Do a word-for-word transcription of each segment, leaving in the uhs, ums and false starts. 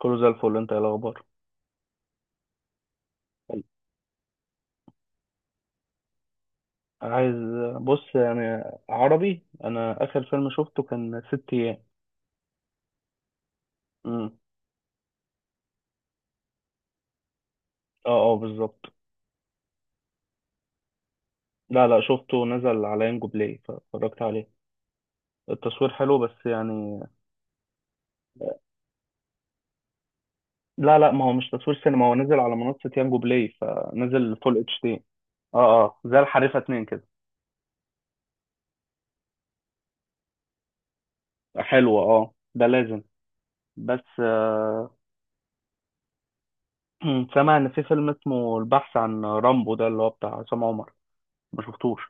كله زي الفل، انت ايه الاخبار؟ عايز بص يعني، عربي، انا اخر فيلم شفته كان ست ايام. امم. اه، اه، بالظبط. لا، لا، شفته نزل على ينجو بلاي فاتفرجت عليه. التصوير حلو، بس يعني. لا، لا، ما هو مش تصوير سينما، هو نزل على منصة يانجو بلاي فنزل فول اتش دي. اه، اه، زي الحريفة اتنين كده. حلوة، اه، ده لازم. بس آه. سامع ان في فيلم اسمه البحث عن رامبو، ده اللي هو بتاع عصام عمر. ما شفتوش.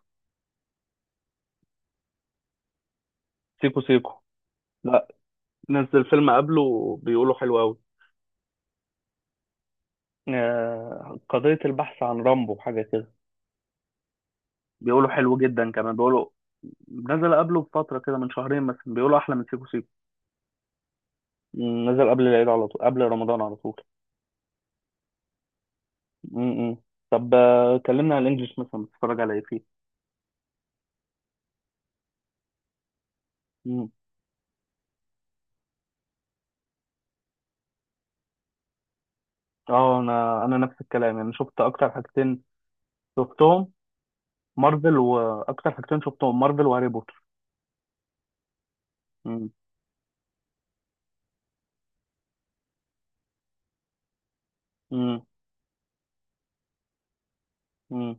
سيكو سيكو، لا. نزل فيلم قبله، بيقولوا حلو قوي. آه، قضية البحث عن رامبو حاجة كده. بيقولوا حلو جدا، كمان بيقولوا. نزل قبله بفترة كده، من شهرين مثلا، بيقولوا أحلى من سيكو سيكو. مم، نزل قبل العيد على طول، قبل رمضان على طول. م-م. طب، آه، كلمنا على الإنجليش مثلا، بتتفرج على إيه فيه؟ م. اه، أنا أنا نفس الكلام، يعني شفت أكتر حاجتين شفتهم مارفل، وأكتر حاجتين شفتهم مارفل وهاري بوتر. م. م. م.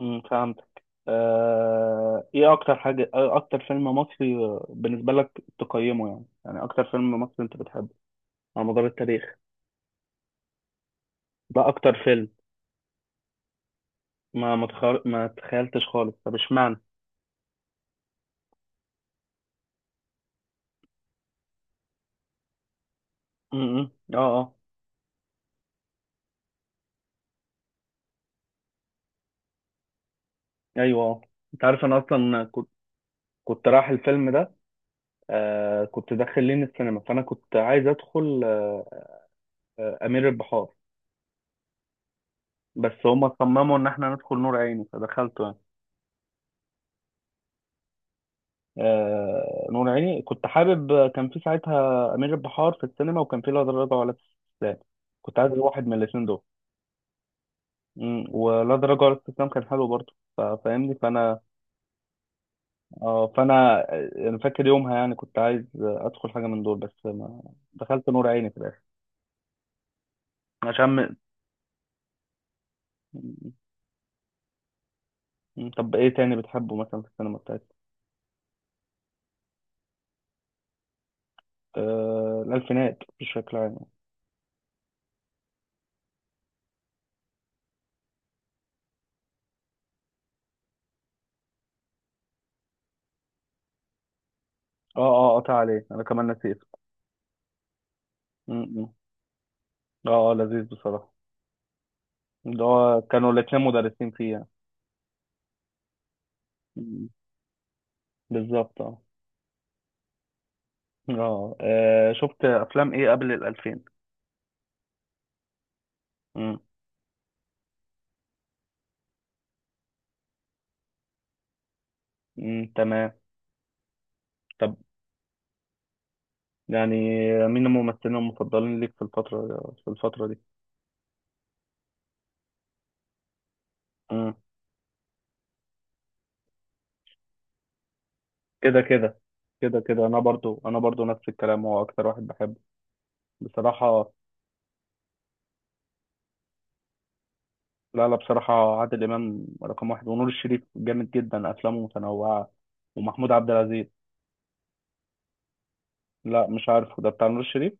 امم فهمتك. آه، ايه اكتر حاجة، آه، اكتر فيلم مصري، آه، بالنسبة لك تقيمه يعني يعني اكتر فيلم مصري انت بتحبه على مدار التاريخ؟ ده اكتر فيلم. ما ما, تخار... ما تخيلتش خالص، طب اشمعنى؟ امم، اه، اه، ايوه، اه. انت عارف انا اصلا كنت كنت رايح الفيلم ده. آه كنت داخلين السينما، فانا كنت عايز ادخل آه آه، امير البحار. بس هما صمموا ان احنا ندخل نور عيني فدخلته يعني. آه، نور عيني كنت حابب، كان في ساعتها أمير البحار في السينما، وكان في لا تراجع ولا استسلام. كنت عايز واحد من الاثنين دول. مم، ولا تراجع ولا استسلام كان حلو برضه، فا- فاهمني فأنا. اه، فأنا آه، أنا فاكر يومها، يعني كنت عايز آه، أدخل حاجة من دول بس ما. دخلت نور عيني في الآخر. عشان. م-. مم، طب إيه تاني بتحبه مثلا في السينما بتاعتك؟ آه الألفينات بشكل عام. اه، اه، آه، قطع عليه، أنا كمان نسيت. مم، مم. اه، اه، لذيذ بصراحة. ده هو كانوا الاتنين مدرسين فيه يعني. مم. بالظبط، اه، اه. آه، شفت افلام ايه قبل الالفين؟ مم. مم. تمام. طب، يعني مين الممثلين المفضلين ليك في الفترة في الفترة دي؟ مم. كده كده كده كده، انا برضو انا برضو نفس الكلام، هو اكتر واحد بحبه. بصراحة. لا، لا، بصراحة عادل امام رقم واحد، ونور الشريف جامد جدا افلامه متنوعة. ومحمود عبد العزيز. لا، مش عارفه، ده بتاع نور الشريف.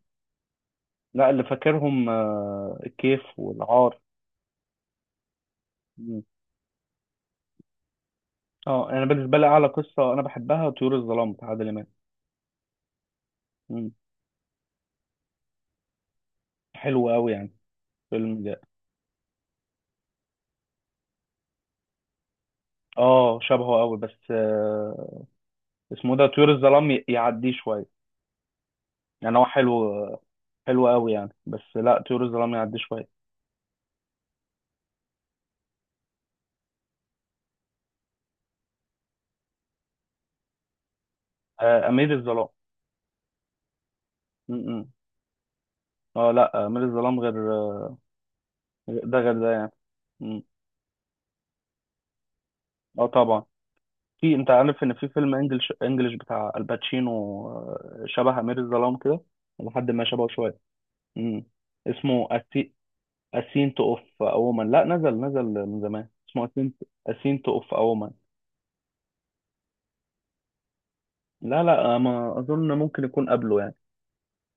لا، اللي فاكرهم آه، الكيف والعار. اه، انا بالنسبه لي اعلى قصه انا بحبها طيور الظلام بتاع عادل امام. مم. حلو قوي يعني. فيلم ده. اه، شبهه قوي، بس. آه، اسمه ده طيور الظلام، ي- يعديه شويه. يعني هو حلو. حلو قوي يعني، بس لا، طيور الظلام يعديه شويه. آه، امير الظلام. م- م. اه، لا، امير الظلام غير آه، ده غير ده يعني. م. اه، طبعا. في، انت عارف ان في فيلم انجلش انجلش بتاع الباتشينو. آه، شبه امير الظلام كده، لحد ما شبهه شويه. م. اسمه. اسينت اوف اوما، لا، نزل نزل من زمان، اسمه اسينت اسينت اوف اوما. لا، لا، ما اظن، ممكن يكون قبله يعني.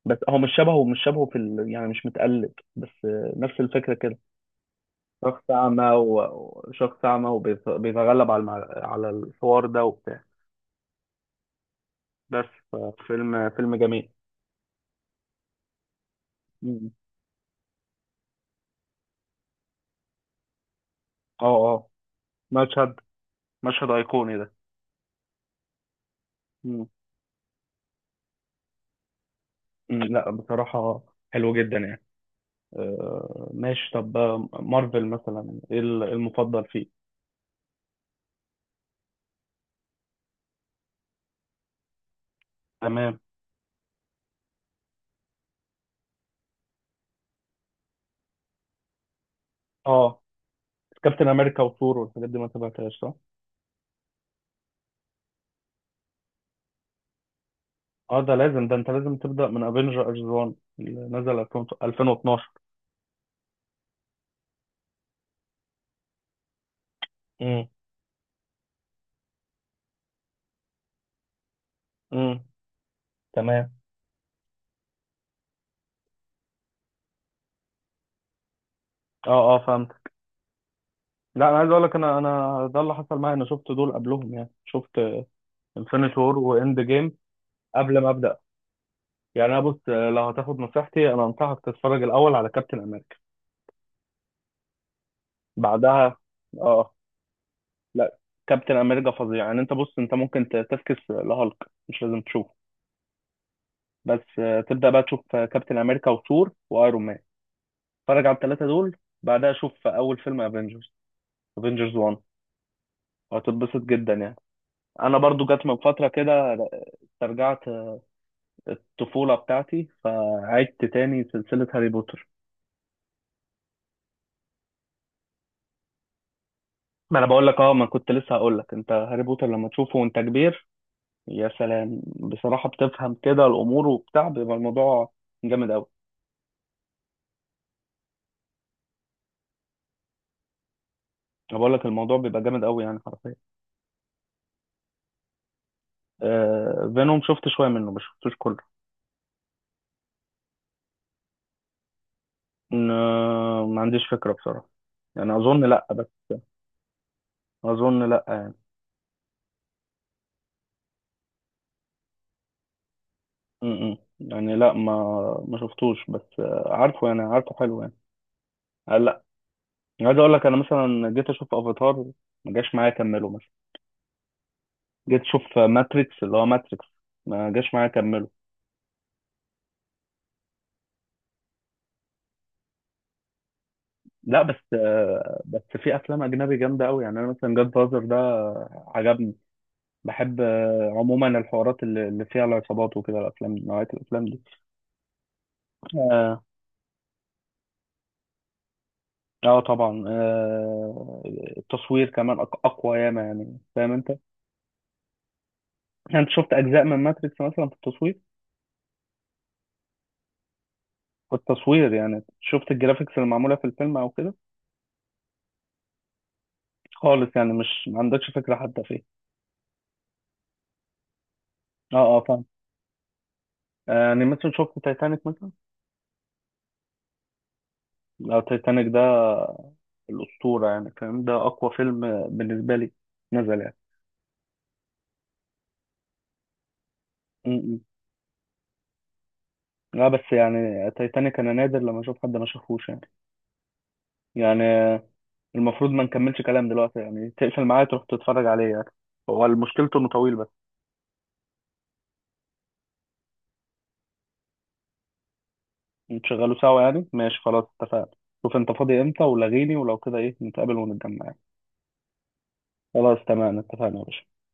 بس هو مش شبهه مش شبهه في ال... يعني مش متقلد بس. نفس الفكره كده. شخص اعمى وشخص اعمى وبيتغلب على المع... على الحوار ده وبتاع. بس. فيلم فيلم جميل. مم. اه. اه مشهد مشهد ايقوني ده. مم. مم. لا، بصراحه حلو جدا يعني. آه، ماشي، طب آه، مارفل مثلا ايه ال- المفضل فيه؟ تمام. اه، كابتن امريكا وثور والحاجات دي ما تابعتهاش، صح؟ اه، ده لازم، ده انت لازم تبدا من افنجرز واحد، اللي نزل ألفين، ألفين واثناشر. امم، امم، تمام. اه، اه، فهمت. لا، انا عايز اقول لك، انا انا ده اللي حصل معايا، انا شفت دول قبلهم، يعني شفت انفينيتي وور واند جيم قبل ما ابدا. يعني انا بص، لو هتاخد نصيحتي، انا انصحك تتفرج الاول على كابتن امريكا بعدها. اه، لا، كابتن امريكا فظيع يعني، انت بص، انت ممكن ت- تفكس لهالك، مش لازم تشوف. بس آه، تبدأ بقى تشوف آه، كابتن أمريكا وثور وأيرون مان. اتفرج على الثلاثة دول. بعدها شوف أول فيلم افنجرز، افنجرز واحد، وهتتبسط جدا يعني. أنا برضو جت من فترة كده، استرجعت الطفولة بتاعتي، فعدت تاني سلسلة هاري بوتر. ما أنا بقول لك، أه ما كنت لسه هقول لك، أنت هاري بوتر لما تشوفه وأنت كبير. يا سلام، بصراحة بتفهم كده الأمور وبتاع، بيبقى الموضوع جامد أوي. أنا بقول لك، الموضوع بيبقى جامد أوي يعني حرفيا. آه فينوم شفت شوية منه، مش شفتوش كله. ما ما عنديش فكرة بصراحة. يعني أظن لأ، بس. أظن لأ يعني. م -م. يعني لأ، ما ما شفتوش، بس آه، عارفه يعني، عارفه حلو يعني. آه، لأ. عايز أقول لك، أنا مثلا جيت أشوف أفاتار، ما جاش معايا أكمله مثلا. جيت أشوف ماتريكس، اللي هو ماتريكس، ما جاش معايا أكمله. لأ، بس آه، بس في أفلام أجنبي جامدة أوي يعني، أنا مثلا جاد فازر ده آه، عجبني. بحب آه، عموما الحوارات اللي اللي فيها العصابات وكده، الأفلام نوعية الأفلام دي. آه، اه، طبعا آه التصوير كمان أق- اقوى ياما، يعني فاهم انت. يعني انت شفت اجزاء من ماتريكس مثلا، في التصوير؟ في التصوير، يعني شفت الجرافيكس اللي معموله في الفيلم او كده؟ خالص يعني، مش ما عندكش فكره حتى فيه. اه، اه، فاهم. آه، يعني مثلا شفت تايتانيك مثلا؟ لو تايتانيك ده، الاسطوره يعني، فاهم، ده اقوى فيلم بالنسبه لي، نزل يعني. م- م. لا، بس يعني تايتانيك انا نادر لما اشوف حد ما شافوش يعني. يعني المفروض ما نكملش كلام دلوقتي، يعني تقفل معايا تروح تتفرج عليه يعني. هو مشكلته انه طويل بس. نشغله سوا يعني، ماشي، خلاص اتفقنا. شوف انت فاضي امتى ولغيني، ولو كده ايه نتقابل ونتجمع يعني. خلاص تمام، اتفقنا يا باشا.